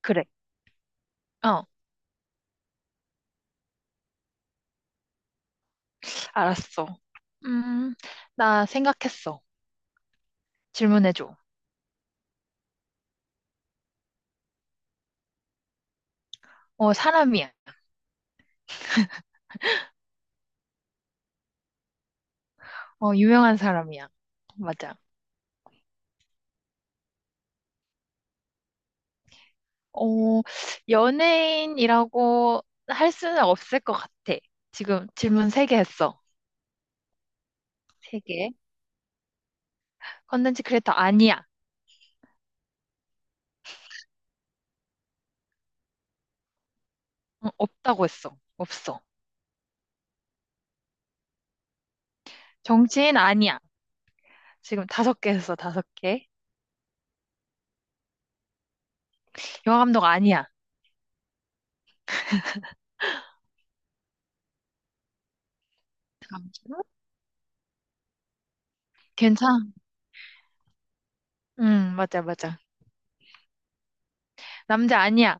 그래. 어, 알았어. 음, 나 생각했어. 질문해줘. 사람이야. 유명한 사람이야. 맞아. 어, 연예인이라고 할 수는 없을 것 같아. 지금 질문 세 개 했어. 세개 컨텐츠 크리에이터 아니야. 응, 없다고 했어. 없어. 정치인 아니야. 지금 다섯 개 했어, 다섯 개. 영화 감독 아니야. 남자? 괜찮아. 응, 맞아, 맞아. 남자 아니야.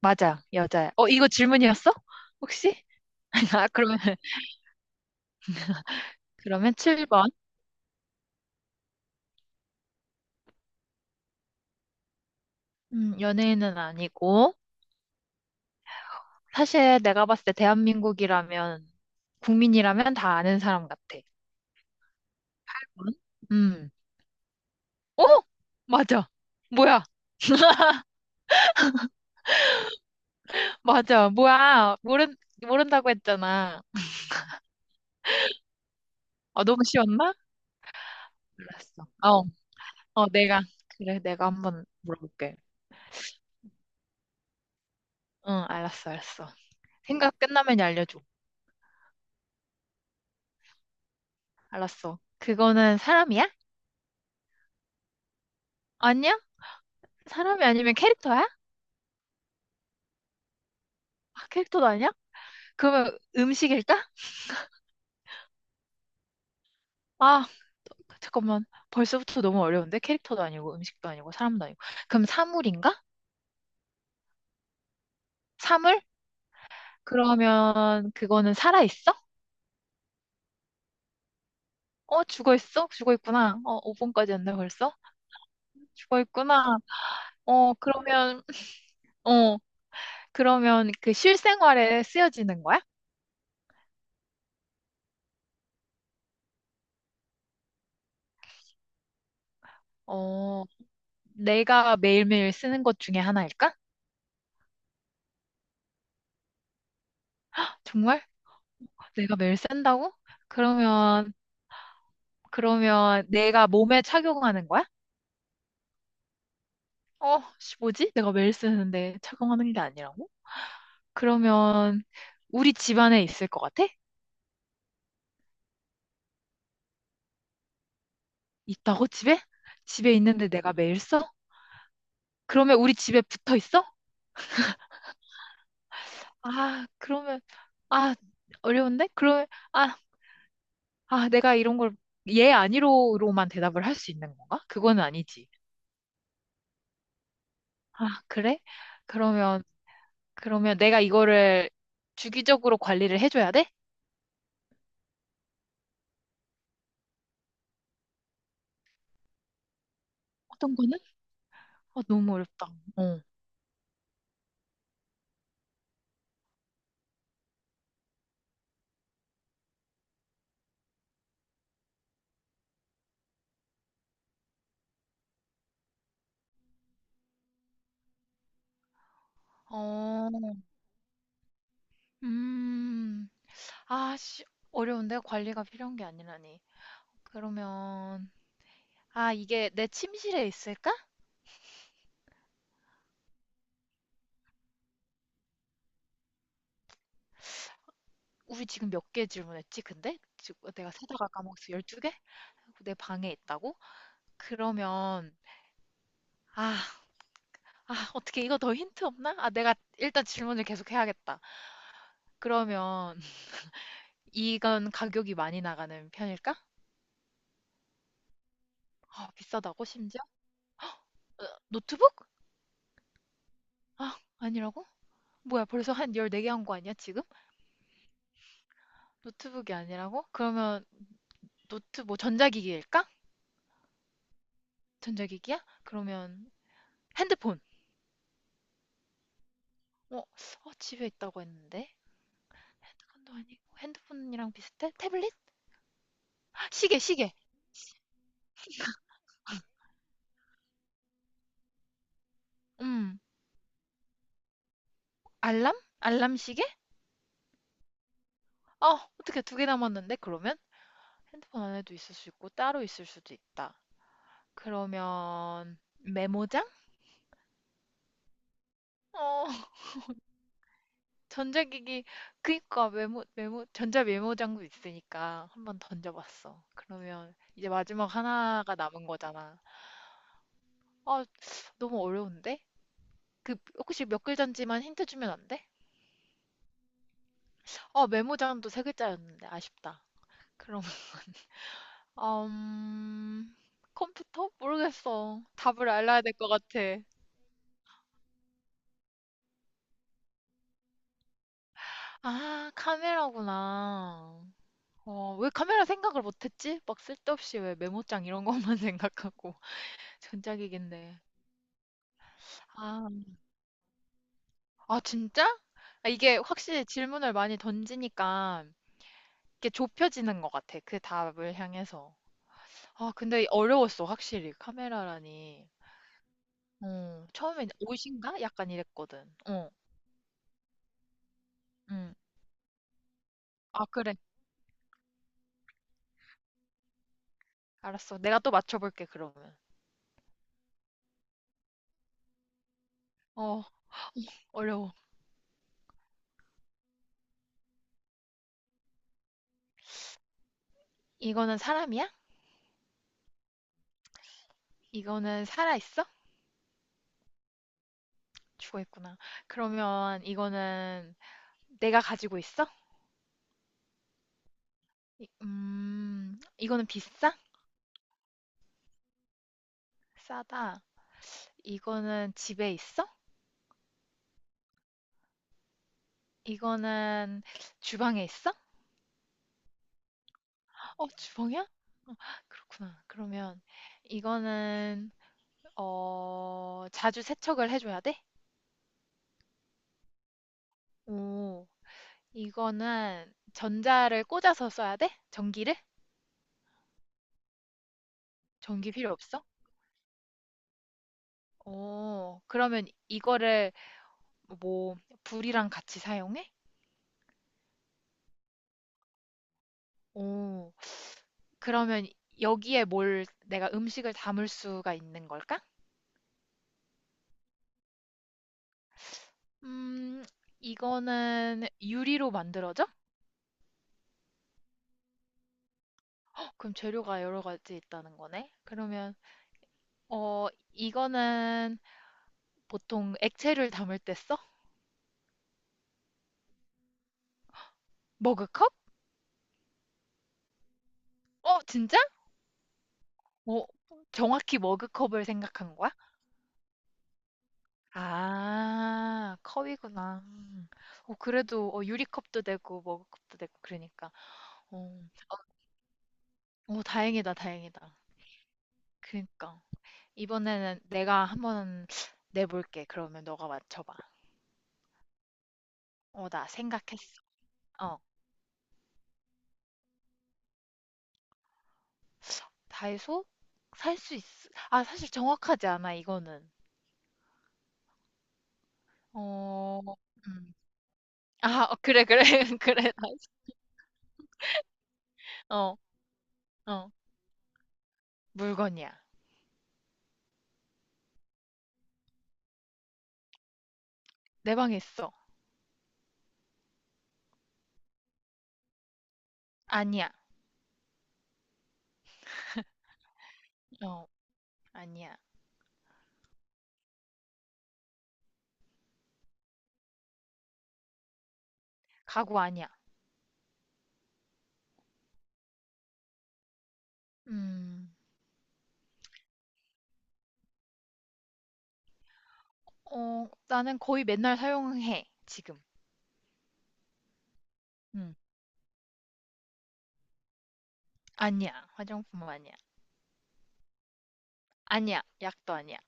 맞아, 여자야. 이거 질문이었어? 혹시? 아, 그러면 7번. 연예인은 아니고. 사실 내가 봤을 때 대한민국이라면, 국민이라면 다 아는 사람 같아. 응? 음. 어? 맞아. 뭐야? 맞아. 뭐야? 모른다고 했잖아. 아, 너무 쉬웠나? 알았어. 내가. 그래, 내가 한번 물어볼게. 응, 알았어, 알았어. 생각 끝나면 알려줘. 알았어. 그거는 사람이야? 아니야? 사람이 아니면 캐릭터야? 아, 캐릭터도 아니야? 그러면 음식일까? 아, 잠깐만. 벌써부터 너무 어려운데? 캐릭터도 아니고, 음식도 아니고, 사람도 아니고. 그럼 사물인가? 사물? 그러면 그거는 살아있어? 죽어있어? 죽어있구나. 5번까지였네 벌써? 죽어있구나. 어, 그러면, 어, 그러면 그 실생활에 쓰여지는 거야? 어, 내가 매일매일 쓰는 것 중에 하나일까? 정말? 내가 매일 쓴다고? 그러면, 그러면 내가 몸에 착용하는 거야? 씨, 뭐지? 내가 매일 쓰는데 착용하는 게 아니라고? 그러면 우리 집 안에 있을 것 같아? 있다고 집에? 집에 있는데 내가 매일 써? 그러면 우리 집에 붙어 있어? 아, 그러면 아, 어려운데? 그러면 아, 내가 이런 걸 얘 아니로로만 대답을 할 수 있는 건가? 그건 아니지. 아, 그래? 그러면 그러면 내가 이거를 주기적으로 관리를 해줘야 돼? 어떤 거는? 아, 너무 어렵다. 어. 어, 음. 아씨, 어려운데 관리가 필요한 게 아니라니. 그러면, 아, 이게 내 침실에 있을까? 우리 지금 몇 개 질문했지, 근데? 지금 내가 세다가 까먹었어. 12개? 내 방에 있다고? 그러면, 아, 어떻게 이거 더 힌트 없나? 아, 내가 일단 질문을 계속 해야겠다. 그러면, 이건 가격이 많이 나가는 편일까? 아, 비싸다고, 심지어? 어, 노트북? 아, 아니라고? 뭐야, 벌써 한 14개 한 거 아니야, 지금? 노트북이 아니라고? 그러면, 뭐, 전자기기일까? 전자기기야? 그러면 핸드폰. 집에 있다고 했는데. 핸드폰도 아니고 핸드폰이랑 비슷해? 태블릿? 아, 시계, 시계. 음, 알람? 알람 시계? 어떻게 두 개 남았는데? 그러면 핸드폰 안에도 있을 수 있고 따로 있을 수도 있다. 그러면 메모장? 어, 전자기기. 그니까 메모 전자 메모장도 있으니까 한번 던져봤어. 그러면 이제 마지막 하나가 남은 거잖아. 아, 너무 어려운데? 그 혹시 몇 글자인지만 힌트 주면 안 돼? 메모장도 세 글자였는데 아쉽다. 그럼 음, 컴퓨터? 모르겠어. 답을 알아야 될 것 같아. 아, 카메라구나. 왜 카메라 생각을 못했지? 막 쓸데없이 왜 메모장 이런 것만 생각하고 전자기기인데. 아, 진짜? 아, 이게 확실히 질문을 많이 던지니까 이게 좁혀지는 것 같아. 그 답을 향해서. 아, 근데 어려웠어, 확실히. 카메라라니. 처음엔 옷인가? 약간 이랬거든. 어, 응. 아, 그래. 알았어. 내가 또 맞춰볼게, 그러면. 어, 어려워. 이거는 사람이야? 이거는 살아있어? 죽어있구나. 그러면 이거는 내가 가지고 있어? 이거는 비싸? 싸다. 이거는 집에 있어? 이거는 주방에 있어? 주방이야? 어, 그렇구나. 그러면 이거는, 자주 세척을 해줘야 돼? 오. 이거는 전자를 꽂아서 써야 돼? 전기를? 전기 필요 없어? 그러면 이거를 뭐 불이랑 같이 사용해? 오, 그러면 여기에 뭘 내가 음식을 담을 수가 있는 걸까? 음, 이거는 유리로 만들어져? 그럼 재료가 여러 가지 있다는 거네. 그러면 어, 이거는 보통 액체를 담을 때 써? 머그컵? 어, 진짜? 어, 정확히 머그컵을 생각한 거야? 아, 컵이구나. 음. 그래도 유리컵도 되고 머그컵도 되고 그러니까. 어, 어, 다행이다, 다행이다. 그러니까 이번에는 내가 한번 내볼게. 그러면 너가 맞춰봐. 나 생각했어. 어, 다이소 살 수 있. 아, 사실 정확하지 않아 이거는. 어, 음. 아, 그래, 그래, 그래. 어, 어, 물건이야. 내 방에 있어. 아니야. 어, 아니야. 가구 아니야. 음. 나는 거의 맨날 사용해, 지금. 음. 아니야. 화장품 아니야. 아니야. 약도 아니야.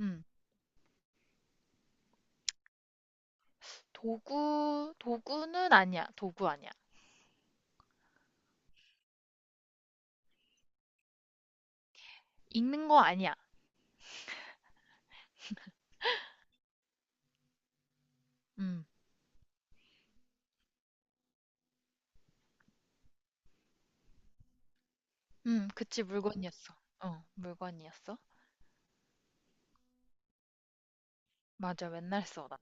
음. 도구는 아니야. 도구 아니야. 읽는 거 아니야. 음. 그치, 물건이었어. 물건이었어. 맞아, 맨날 써, 나.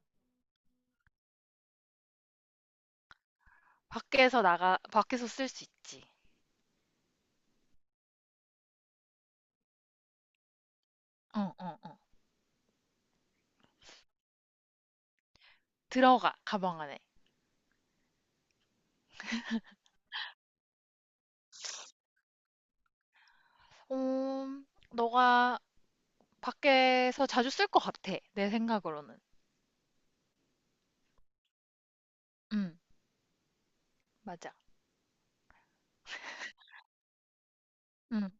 밖에서 쓸 수 있지. 어, 어, 어. 들어가, 가방 안에. 음, 너가 밖에서 자주 쓸 것 같아, 내 생각으로는. 음, 맞아. 음,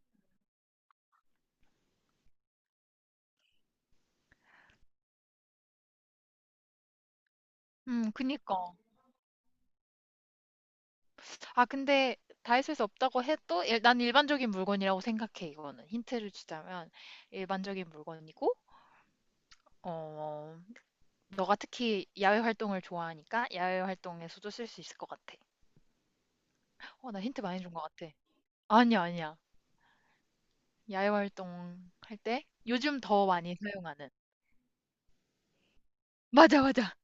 그니까. 아, 근데 다 있을 수 없다고 해도 난 일반적인 물건이라고 생각해, 이거는. 힌트를 주자면 일반적인 물건이고, 어, 너가 특히 야외 활동을 좋아하니까 야외 활동에서도 쓸 수 있을 것 같아. 나 힌트 많이 준 것 같아. 아니야, 아니야. 야외 활동 할 때 요즘 더 많이 사용하는. 맞아, 맞아.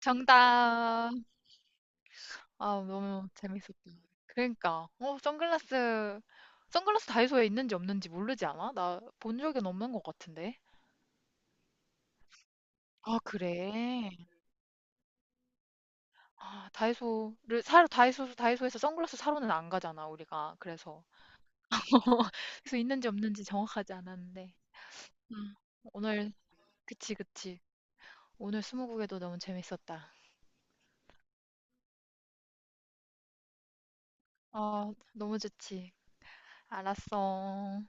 정답. 아, 너무 재밌었다. 그러니까, 선글라스, 선글라스 다이소에 있는지 없는지 모르지 않아? 나 본 적은 없는 것 같은데. 아 그래? 아 다이소를 사러 다이소 다이소에서 선글라스 사러는 안 가잖아, 우리가. 그래서. 그래서 있는지 없는지 정확하지 않았는데. 음. 오늘 그치, 그치. 오늘 스무고개도 너무 재밌었다. 아, 너무 좋지. 알았어.